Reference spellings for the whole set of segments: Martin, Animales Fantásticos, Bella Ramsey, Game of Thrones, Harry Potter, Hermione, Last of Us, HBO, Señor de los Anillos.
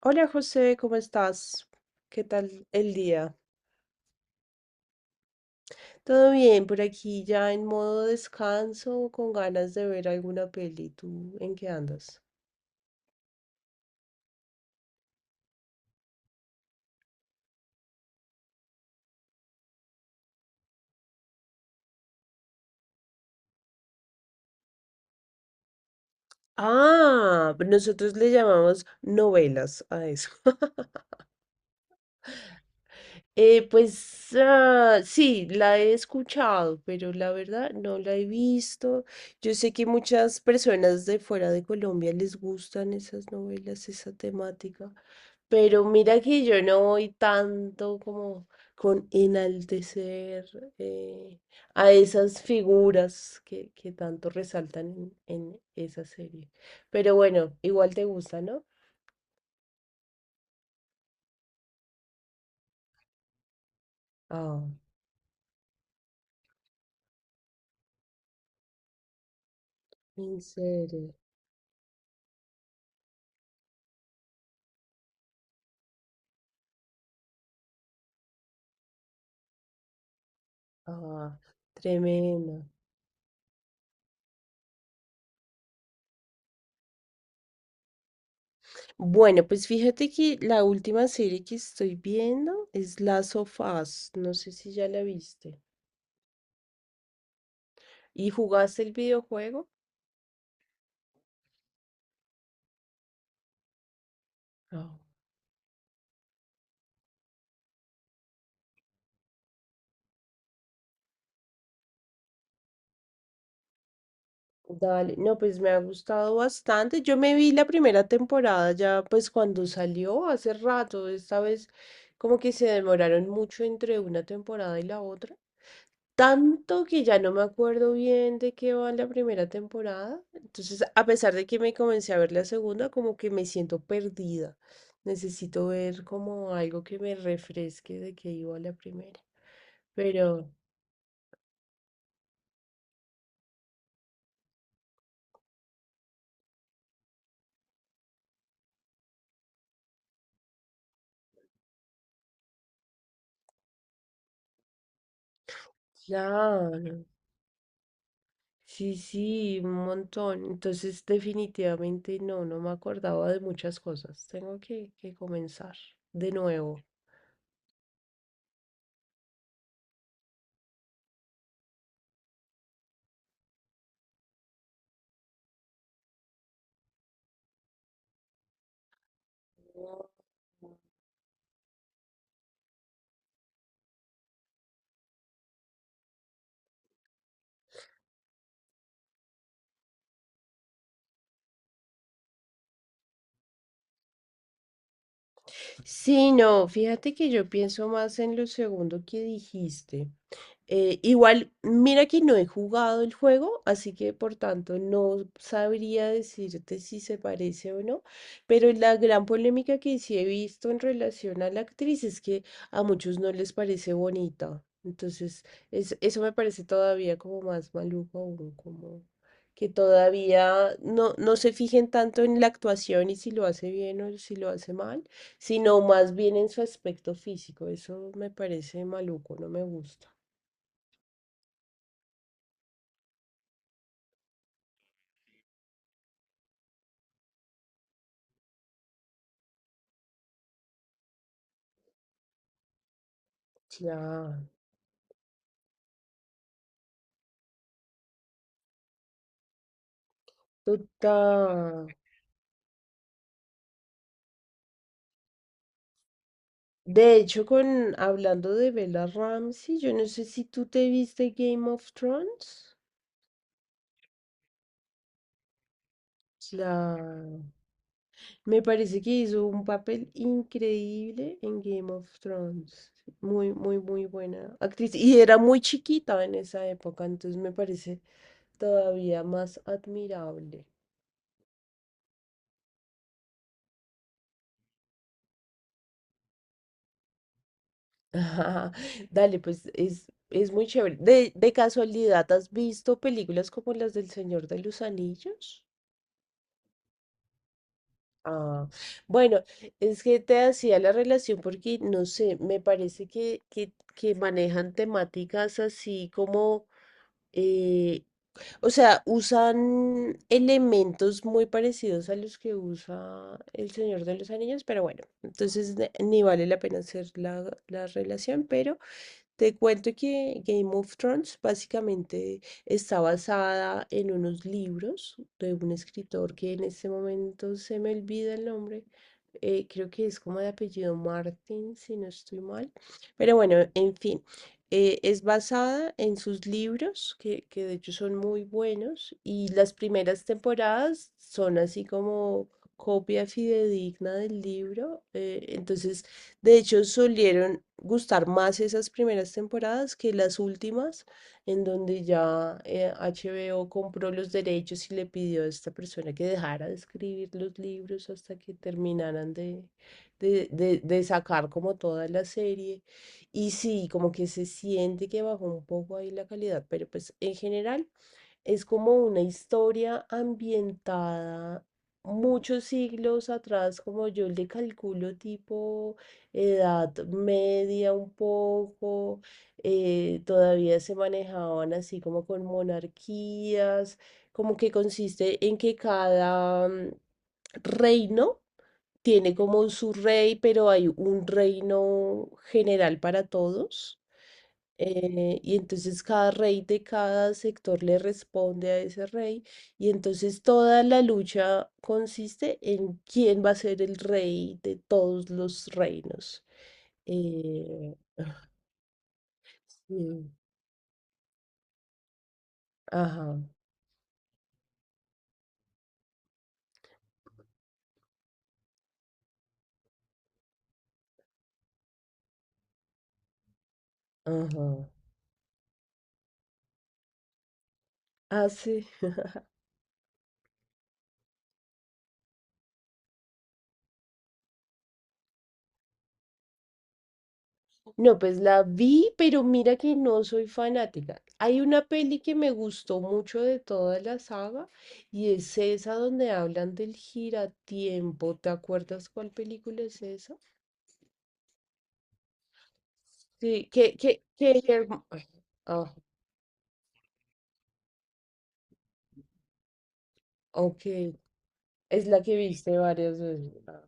Hola José, ¿cómo estás? ¿Qué tal el día? Todo bien, por aquí ya en modo descanso, con ganas de ver alguna peli. ¿Tú en qué andas? Ah, nosotros le llamamos novelas a eso. Sí, la he escuchado, pero la verdad no la he visto. Yo sé que muchas personas de fuera de Colombia les gustan esas novelas, esa temática, pero mira que yo no voy tanto como con enaltecer eh, a esas figuras que tanto resaltan en esa serie. Pero bueno, igual te gusta, ¿no? Ah, en serio. Ah, tremendo. Bueno, pues fíjate que la última serie que estoy viendo es Last of Us. No sé si ya la viste. ¿Y jugaste el videojuego? No. Dale, no, pues me ha gustado bastante. Yo me vi la primera temporada ya, pues cuando salió hace rato. Esta vez como que se demoraron mucho entre una temporada y la otra. Tanto que ya no me acuerdo bien de qué va la primera temporada. Entonces, a pesar de que me comencé a ver la segunda, como que me siento perdida. Necesito ver como algo que me refresque de qué iba la primera. Pero, claro, sí, sí, un montón. Entonces, definitivamente no, no me acordaba de muchas cosas. Tengo que comenzar de nuevo. Sí, no, fíjate que yo pienso más en lo segundo que dijiste. Igual, mira que no he jugado el juego, así que por tanto no sabría decirte si se parece o no, pero la gran polémica que sí he visto en relación a la actriz es que a muchos no les parece bonita. Entonces, eso me parece todavía como más maluco aún, como que todavía no, no se fijen tanto en la actuación y si lo hace bien o si lo hace mal, sino más bien en su aspecto físico. Eso me parece maluco, no me gusta. Claro, total. De hecho, con hablando de Bella Ramsey, yo no sé si tú te viste Game of Thrones. La... Me parece que hizo un papel increíble en Game of Thrones. Muy, muy, muy buena actriz. Y era muy chiquita en esa época, entonces me parece todavía más admirable. Ajá. Dale, pues es muy chévere. De casualidad, ¿has visto películas como las del Señor de los Anillos? Ah, bueno, es que te hacía la relación porque, no sé, me parece que manejan temáticas así como, eh, o sea, usan elementos muy parecidos a los que usa El Señor de los Anillos, pero bueno, entonces ni vale la pena hacer la relación, pero te cuento que Game of Thrones básicamente está basada en unos libros de un escritor que en este momento se me olvida el nombre. Creo que es como de apellido Martin, si no estoy mal. Pero bueno, en fin, es basada en sus libros, que de hecho son muy buenos, y las primeras temporadas son así como copia fidedigna del libro. Entonces de hecho, solieron gustar más esas primeras temporadas que las últimas, en donde ya HBO compró los derechos y le pidió a esta persona que dejara de escribir los libros hasta que terminaran de sacar como toda la serie. Y sí, como que se siente que bajó un poco ahí la calidad, pero pues en general es como una historia ambientada muchos siglos atrás, como yo le calculo tipo edad media un poco, todavía se manejaban así como con monarquías, como que consiste en que cada reino tiene como su rey, pero hay un reino general para todos. Y entonces cada rey de cada sector le responde a ese rey. Y entonces toda la lucha consiste en quién va a ser el rey de todos los reinos. Eh, sí, ajá, ajá. Ah, sí. No, pues la vi, pero mira que no soy fanática. Hay una peli que me gustó mucho de toda la saga y es esa donde hablan del giratiempo. ¿Te acuerdas cuál película es esa? Sí, Ay, ah, ok. Es la que viste varias veces. Ah.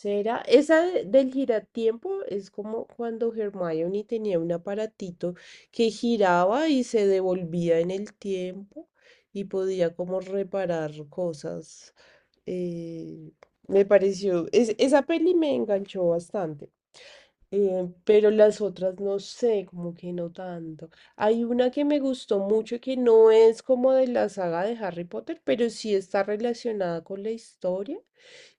¿Será? Esa del giratiempo es como cuando Hermione tenía un aparatito que giraba y se devolvía en el tiempo y podía como reparar cosas. Eh, Me pareció, esa peli me enganchó bastante, pero las otras no sé, como que no tanto. Hay una que me gustó mucho que no es como de la saga de Harry Potter, pero sí está relacionada con la historia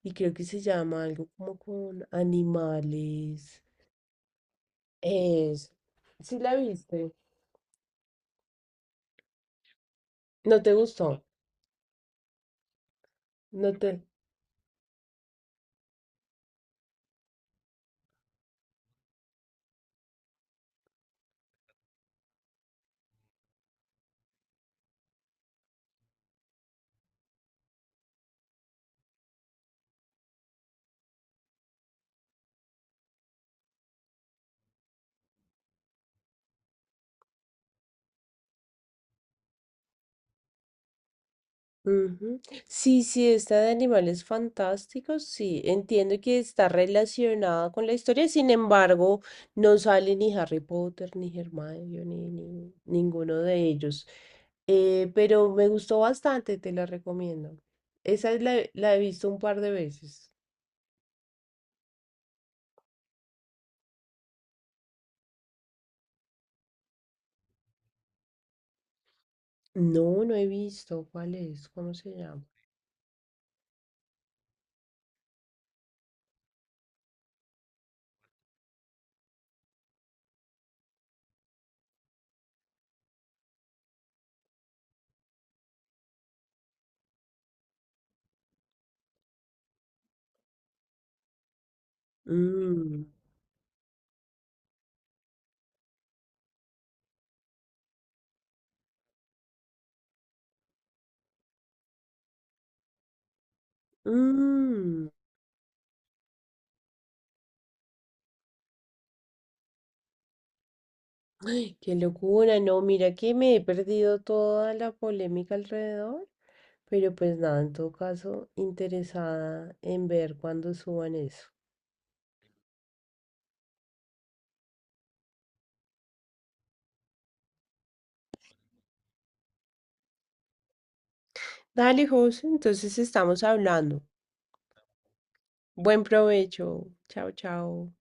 y creo que se llama algo como con animales. Es, sí la viste, no te gustó, no te... Ujú. Sí, sí, esta de animales fantásticos, sí, entiendo que está relacionada con la historia, sin embargo, no sale ni Harry Potter, ni Hermione, ni, ni ninguno de ellos. Pero me gustó bastante, te la recomiendo. Esa es la he visto un par de veces. No, no he visto. ¿Cuál es? ¿Cómo se llama? Mm, mm. Ay, qué locura, no, mira que me he perdido toda la polémica alrededor, pero pues nada, en todo caso, interesada en ver cuándo suban eso. Dale, José, entonces estamos hablando. Buen provecho. Chao, chao.